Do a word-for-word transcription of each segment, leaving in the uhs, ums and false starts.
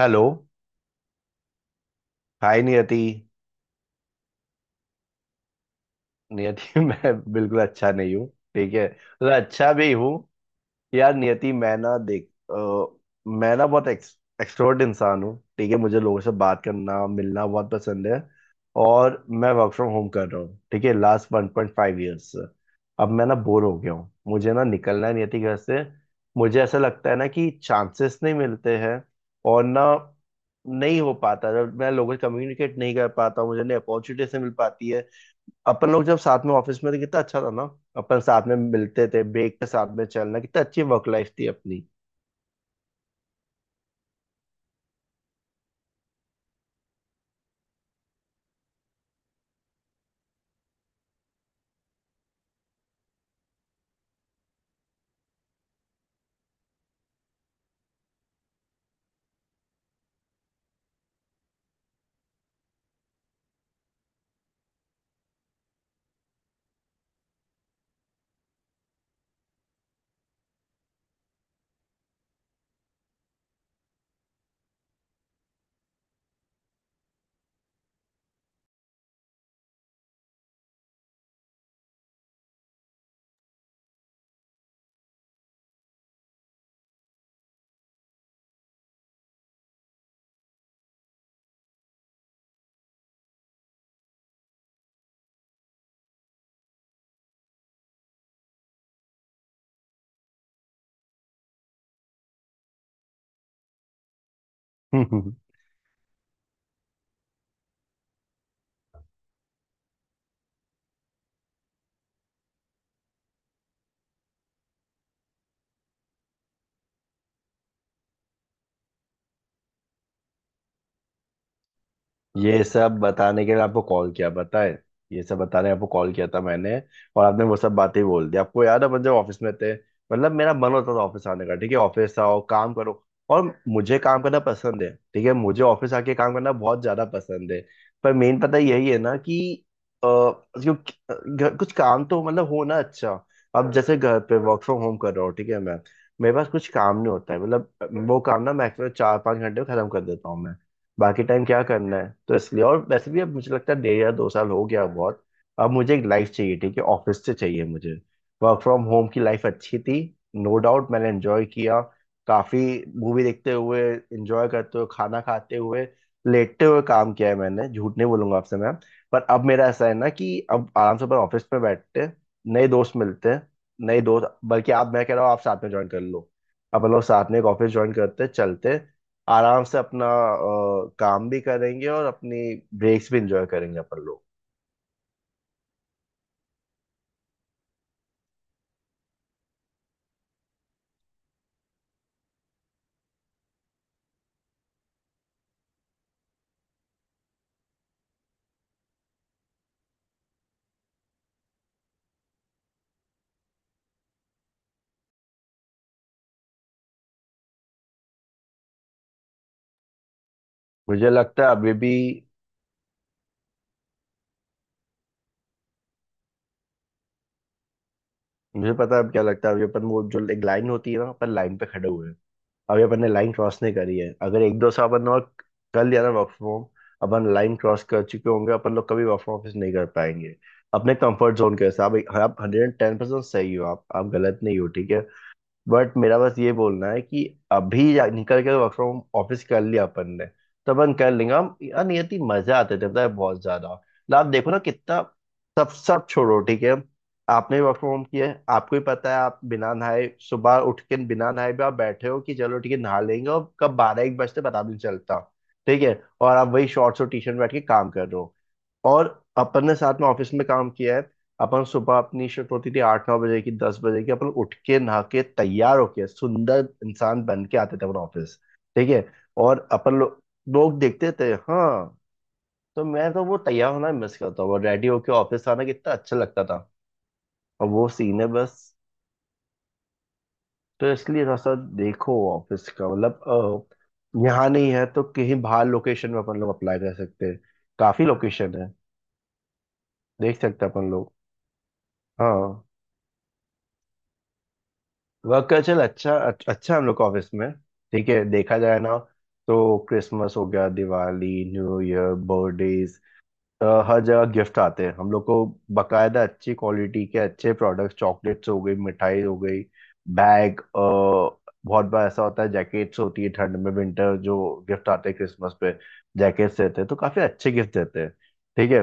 Hello. Hi Niyati. नियति, मैं बिल्कुल अच्छा नहीं हूँ। ठीक है, मतलब अच्छा भी हूँ। यार नियति, मैं ना देख अ, मैं ना बहुत एक्स, एक्सट्रोवर्ट इंसान हूँ। ठीक है, मुझे लोगों से बात करना मिलना बहुत पसंद है। और मैं वर्क फ्रॉम होम कर रहा हूँ, ठीक है, last one point five years से। अब मैं ना बोर हो गया हूँ, मुझे ना निकलना है नियति घर से। मुझे ऐसा लगता है ना कि चांसेस नहीं मिलते हैं और ना नहीं हो पाता, जब मैं लोगों से कम्युनिकेट नहीं कर पाता हूँ मुझे नहीं अपॉर्चुनिटी से मिल पाती है। अपन लोग जब साथ में ऑफिस में थे कितना अच्छा था ना। अपन साथ में मिलते थे ब्रेक के साथ में चलना, कितना अच्छी वर्क लाइफ थी अपनी। ये सब बताने के लिए आपको कॉल किया, पता है। ये सब बताने आपको कॉल किया था मैंने। और आपने वो सब बातें बोल दी। आपको याद है अपन जब ऑफिस में थे, मतलब मेरा मन होता था ऑफिस आने का। ठीक है, ऑफिस आओ, काम करो। और मुझे काम करना पसंद है, ठीक है, मुझे ऑफिस आके काम करना बहुत ज्यादा पसंद है। पर मेन पता यही है ना कि अ, जो घर- कुछ काम तो मतलब हो ना अच्छा। अब जैसे घर पे वर्क फ्रॉम होम कर रहा हूँ ठीक है मैं, मेरे पास कुछ काम नहीं होता है, मतलब वो काम ना मैक्सिमम चार पाँच घंटे में खत्म कर देता हूँ मैं। बाकी टाइम क्या करना है? तो इसलिए, और वैसे भी अब मुझे लगता है डेढ़ या दो साल हो गया बहुत। अब मुझे एक लाइफ चाहिए, ठीक है, ऑफिस से चाहिए मुझे। वर्क फ्रॉम होम की लाइफ अच्छी थी, नो डाउट, मैंने एंजॉय किया काफी। मूवी देखते हुए, एंजॉय करते हुए, खाना खाते हुए, लेटते हुए काम किया है मैंने, झूठ नहीं बोलूंगा आपसे मैम। पर अब मेरा ऐसा है ना कि अब आराम से अपन ऑफिस में बैठते हैं, नए दोस्त मिलते हैं। नए दोस्त, बल्कि आप, मैं कह रहा हूँ आप साथ में ज्वाइन कर लो। अपन लोग साथ में एक ऑफिस ज्वाइन करते हैं, चलते हैं। आराम से अपना अ, काम भी करेंगे और अपनी ब्रेक्स भी इंजॉय करेंगे अपन लोग। मुझे लगता है अभी भी मुझे पता है अब क्या लगता है। अभी अपन, वो जो एक लाइन होती है ना, अपन लाइन पे खड़े हुए हैं। अभी अपन ने लाइन क्रॉस नहीं करी है। अगर एक दो साल अपन और कर लिया ना वर्क फ्रॉम होम, अपन लाइन क्रॉस कर चुके होंगे। अपन लोग कभी वर्क फ्रॉम ऑफिस नहीं कर पाएंगे अपने कंफर्ट जोन के हिसाब। आप हंड्रेड एंड टेन परसेंट सही हो, आप आप गलत नहीं हो, ठीक है। बट मेरा बस ये बोलना है कि अभी जा- निकल के वर्क फ्रॉम ऑफिस कर लिया अपन ने, तो अपन कर लेंगे। हम, यार नियति, मजे आते थे पता है बहुत ज्यादा। मतलब आप देखो ना, कितना। सब सब छोड़ो, ठीक है। आपने वर्क फ्रॉम होम किया है, आपको ही पता है। आप बिना नहाए, सुबह उठ के बिना नहाए भी आप बैठे हो कि चलो ठीक है नहा लेंगे, और कब बारह एक बजते पता भी नहीं चलता। ठीक है, और आप वही शॉर्ट्स और टी शर्ट में बैठ के काम कर रहे हो। और अपन ने साथ में ऑफिस में काम किया है। अपन सुबह, अपनी शिफ्ट होती थी आठ नौ बजे की, दस बजे की, अपन उठ के नहा के तैयार होके सुंदर इंसान बन के आते थे अपन ऑफिस। ठीक है, और अपन लो, लोग देखते थे। हाँ, तो मैं तो वो तैयार होना मिस करता हूँ। रेडी होके ऑफिस आना कितना अच्छा लगता था। और वो सीन है बस। तो इसलिए थोड़ा सा देखो, ऑफिस का मतलब अ, यहाँ नहीं है तो कहीं बाहर लोकेशन में अपन लोग अप्लाई कर सकते हैं। काफी लोकेशन है, देख सकते हैं अपन लोग। हाँ, वर्क कल्चर अच्छा अच- अच्छा है हम लोग का ऑफिस में। ठीक है, देखा जाए ना तो क्रिसमस हो गया, दिवाली, न्यू ईयर, बर्थडेज, हर जगह गिफ्ट आते हैं हम लोग को। बकायदा अच्छी क्वालिटी के अच्छे प्रोडक्ट्स, चॉकलेट्स हो गई, मिठाई हो गई, बैग, बहुत बार ऐसा होता है जैकेट्स होती है ठंड में, विंटर जो गिफ्ट आते हैं क्रिसमस पे जैकेट्स देते हैं, तो काफी अच्छे गिफ्ट देते हैं। ठीक है,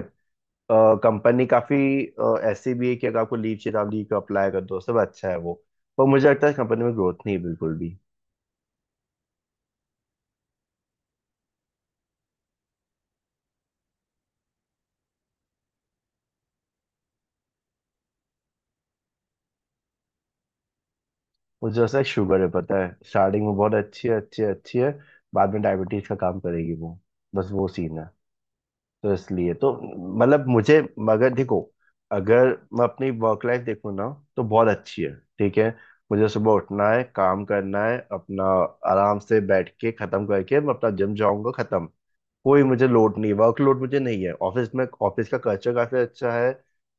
कंपनी काफी अ, ऐसी भी है कि अगर आपको लीव चेतावनी को अप्लाई कर दो, सब अच्छा है वो। पर मुझे लगता है कंपनी में ग्रोथ नहीं है बिल्कुल भी। मुझे ऐसा शुगर है पता है, स्टार्टिंग में बहुत अच्छी है, अच्छी है, अच्छी है। बाद में डायबिटीज का काम करेगी वो। बस वो सीन है। तो इसलिए तो, मतलब मुझे, मगर देखो, अगर मैं अपनी वर्क लाइफ देखूँ ना तो बहुत अच्छी है। ठीक है, मुझे सुबह उठना है, काम करना है अपना, आराम से बैठ के खत्म करके मैं अपना जिम जाऊंगा, खत्म। कोई मुझे लोड नहीं, वर्कलोड मुझे नहीं है ऑफिस में। ऑफिस का कल्चर काफी अच्छा है,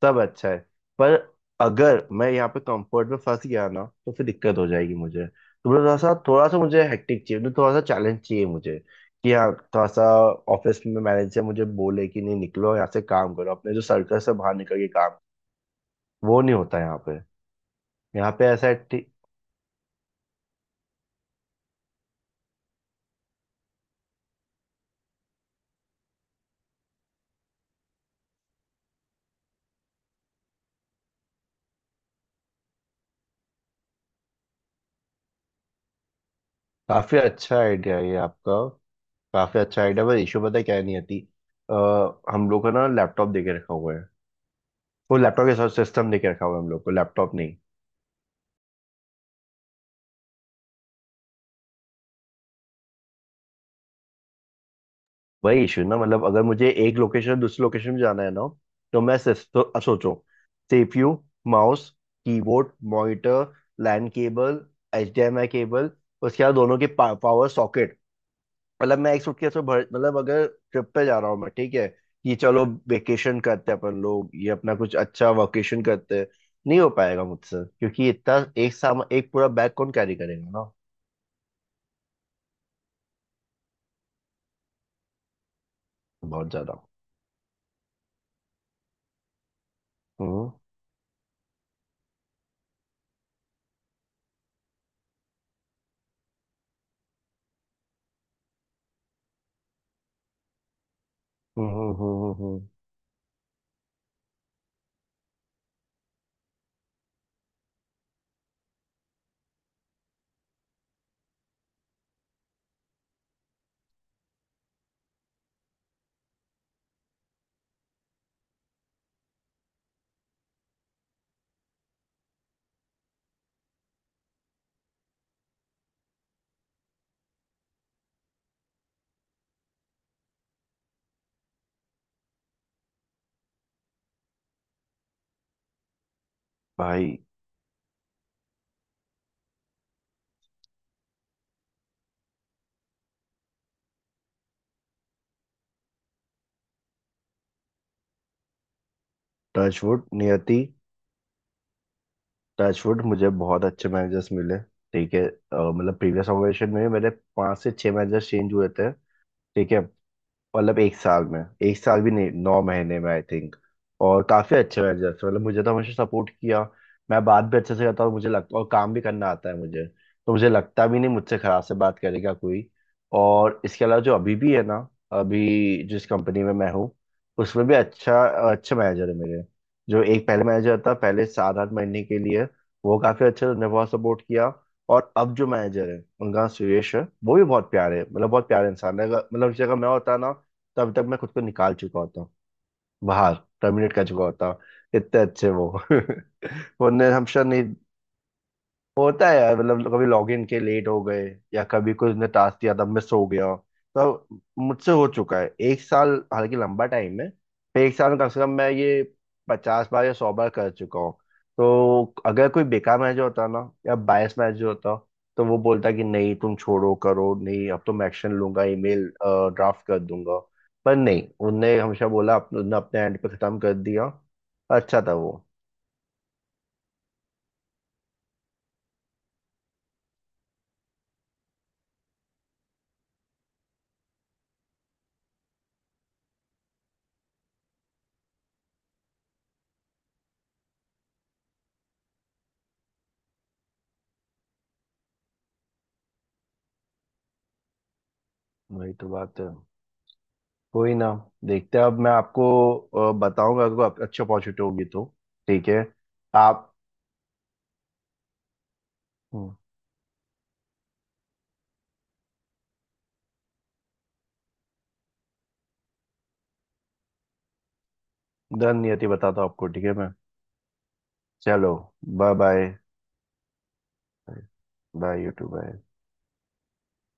सब अच्छा है। पर अगर मैं यहाँ पे कंफर्ट में फंस गया ना तो फिर दिक्कत हो जाएगी मुझे, तो मुझे थोड़ा सा, थोड़ा सा मुझे हेक्टिक चाहिए, मुझे थोड़ा सा चैलेंज चाहिए मुझे। कि हाँ, थोड़ा सा ऑफिस में मैनेजर मुझे बोले कि नहीं, निकलो यहाँ से, काम करो अपने जो सर्कल से बाहर निकल के काम। वो नहीं होता यहाँ पे। यहाँ पे ऐसा है ठी- काफी अच्छा आइडिया है ये आपका। काफी अच्छा आइडिया, पर इशू पता है क्या है, नहीं आती। अ, हम लोग का ना लैपटॉप दे के रखा हुआ है। वो लैपटॉप के साथ सिस्टम दे के रखा हुआ है, हम लोग को लैपटॉप नहीं। वही इशू ना, मतलब अगर मुझे एक लोकेशन से दूसरी लोकेशन में जाना है ना, तो मैं सिस- तो अ, सोचो, C P U, mouse, keyboard, monitor, LAN cable, H D M आई केबल, उसके बाद दोनों के पा, पावर सॉकेट। मतलब मैं एक सुटकेस में भर, मतलब अगर ट्रिप पे जा रहा हूँ मैं, ठीक है, कि चलो वेकेशन करते हैं अपन लोग, ये अपना कुछ अच्छा वकेशन करते हैं, नहीं हो पाएगा मुझसे, क्योंकि इतना एक साम, एक पूरा बैग कौन कैरी करेगा ना। बहुत ज्यादा। हम्म हम्म, हम्म, हम्म, हम्म। हम्म। भाई, टचवुड नियति, टचवुड, मुझे बहुत अच्छे मैनेजर्स मिले, ठीक है। अ, मतलब प्रीवियस ऑर्गेनाइजेशन में मेरे पांच से छह मैनेजर्स चेंज हुए थे, ठीक है, मतलब एक साल में, एक साल भी नहीं, नौ महीने में आई थिंक। और काफी अच्छे मैनेजर थे, मतलब मुझे तो हमेशा सपोर्ट किया। मैं बात भी अच्छे से करता हूँ मुझे लगता, और काम भी करना आता है मुझे, तो मुझे लगता भी नहीं मुझसे खराब से बात करेगा कोई। और इसके अलावा जो अभी भी है ना, अभी जिस कंपनी में मैं हूँ, उसमें भी अच्छा, अच्छे मैनेजर है मेरे। जो एक पहले मैनेजर था, पहले सात आठ महीने के लिए, वो काफी अच्छे थे, उन्होंने बहुत सपोर्ट किया। और अब जो मैनेजर है उनका नाम सुरेश है, वो भी बहुत प्यारे, मतलब बहुत प्यारे इंसान है। अगर- मतलब जगह मैं होता ना, तो अभी तक मैं खुद को निकाल चुका होता, बाहर, टर्मिनेट कर चुका होता। इतने अच्छे वो, वरना हम शायद नहीं। होता है यार, मतलब कभी लॉगिन के लेट हो गए, या कभी कोई उसने टास्क दिया था मिस हो गया, तो मुझसे हो चुका है। एक साल हालांकि लंबा टाइम है, पर एक साल में कम से कम मैं ये पचास बार या सौ बार कर चुका हूँ। तो अगर कोई बेकार मैनेजर होता ना, या बायस मैनेजर होता, तो वो बोलता कि नहीं, तुम छोड़ो करो, नहीं अब तो मैं एक्शन लूंगा, ईमेल ड्राफ्ट कर दूंगा। पर नहीं, उनने हमेशा बोला, अपने- उनने अपने एंड पे खत्म कर दिया। अच्छा था वो। वही तो बात है, कोई ना, देखते हैं, अब मैं आपको अ, बताऊंगा, अगर आप अच्छी अपॉर्चुनिटी होगी तो, ठीक है आप। हम्म, धन्यति, बताता हूँ आपको, ठीक है मैं। चलो bye bye. Bye YouTube, bye.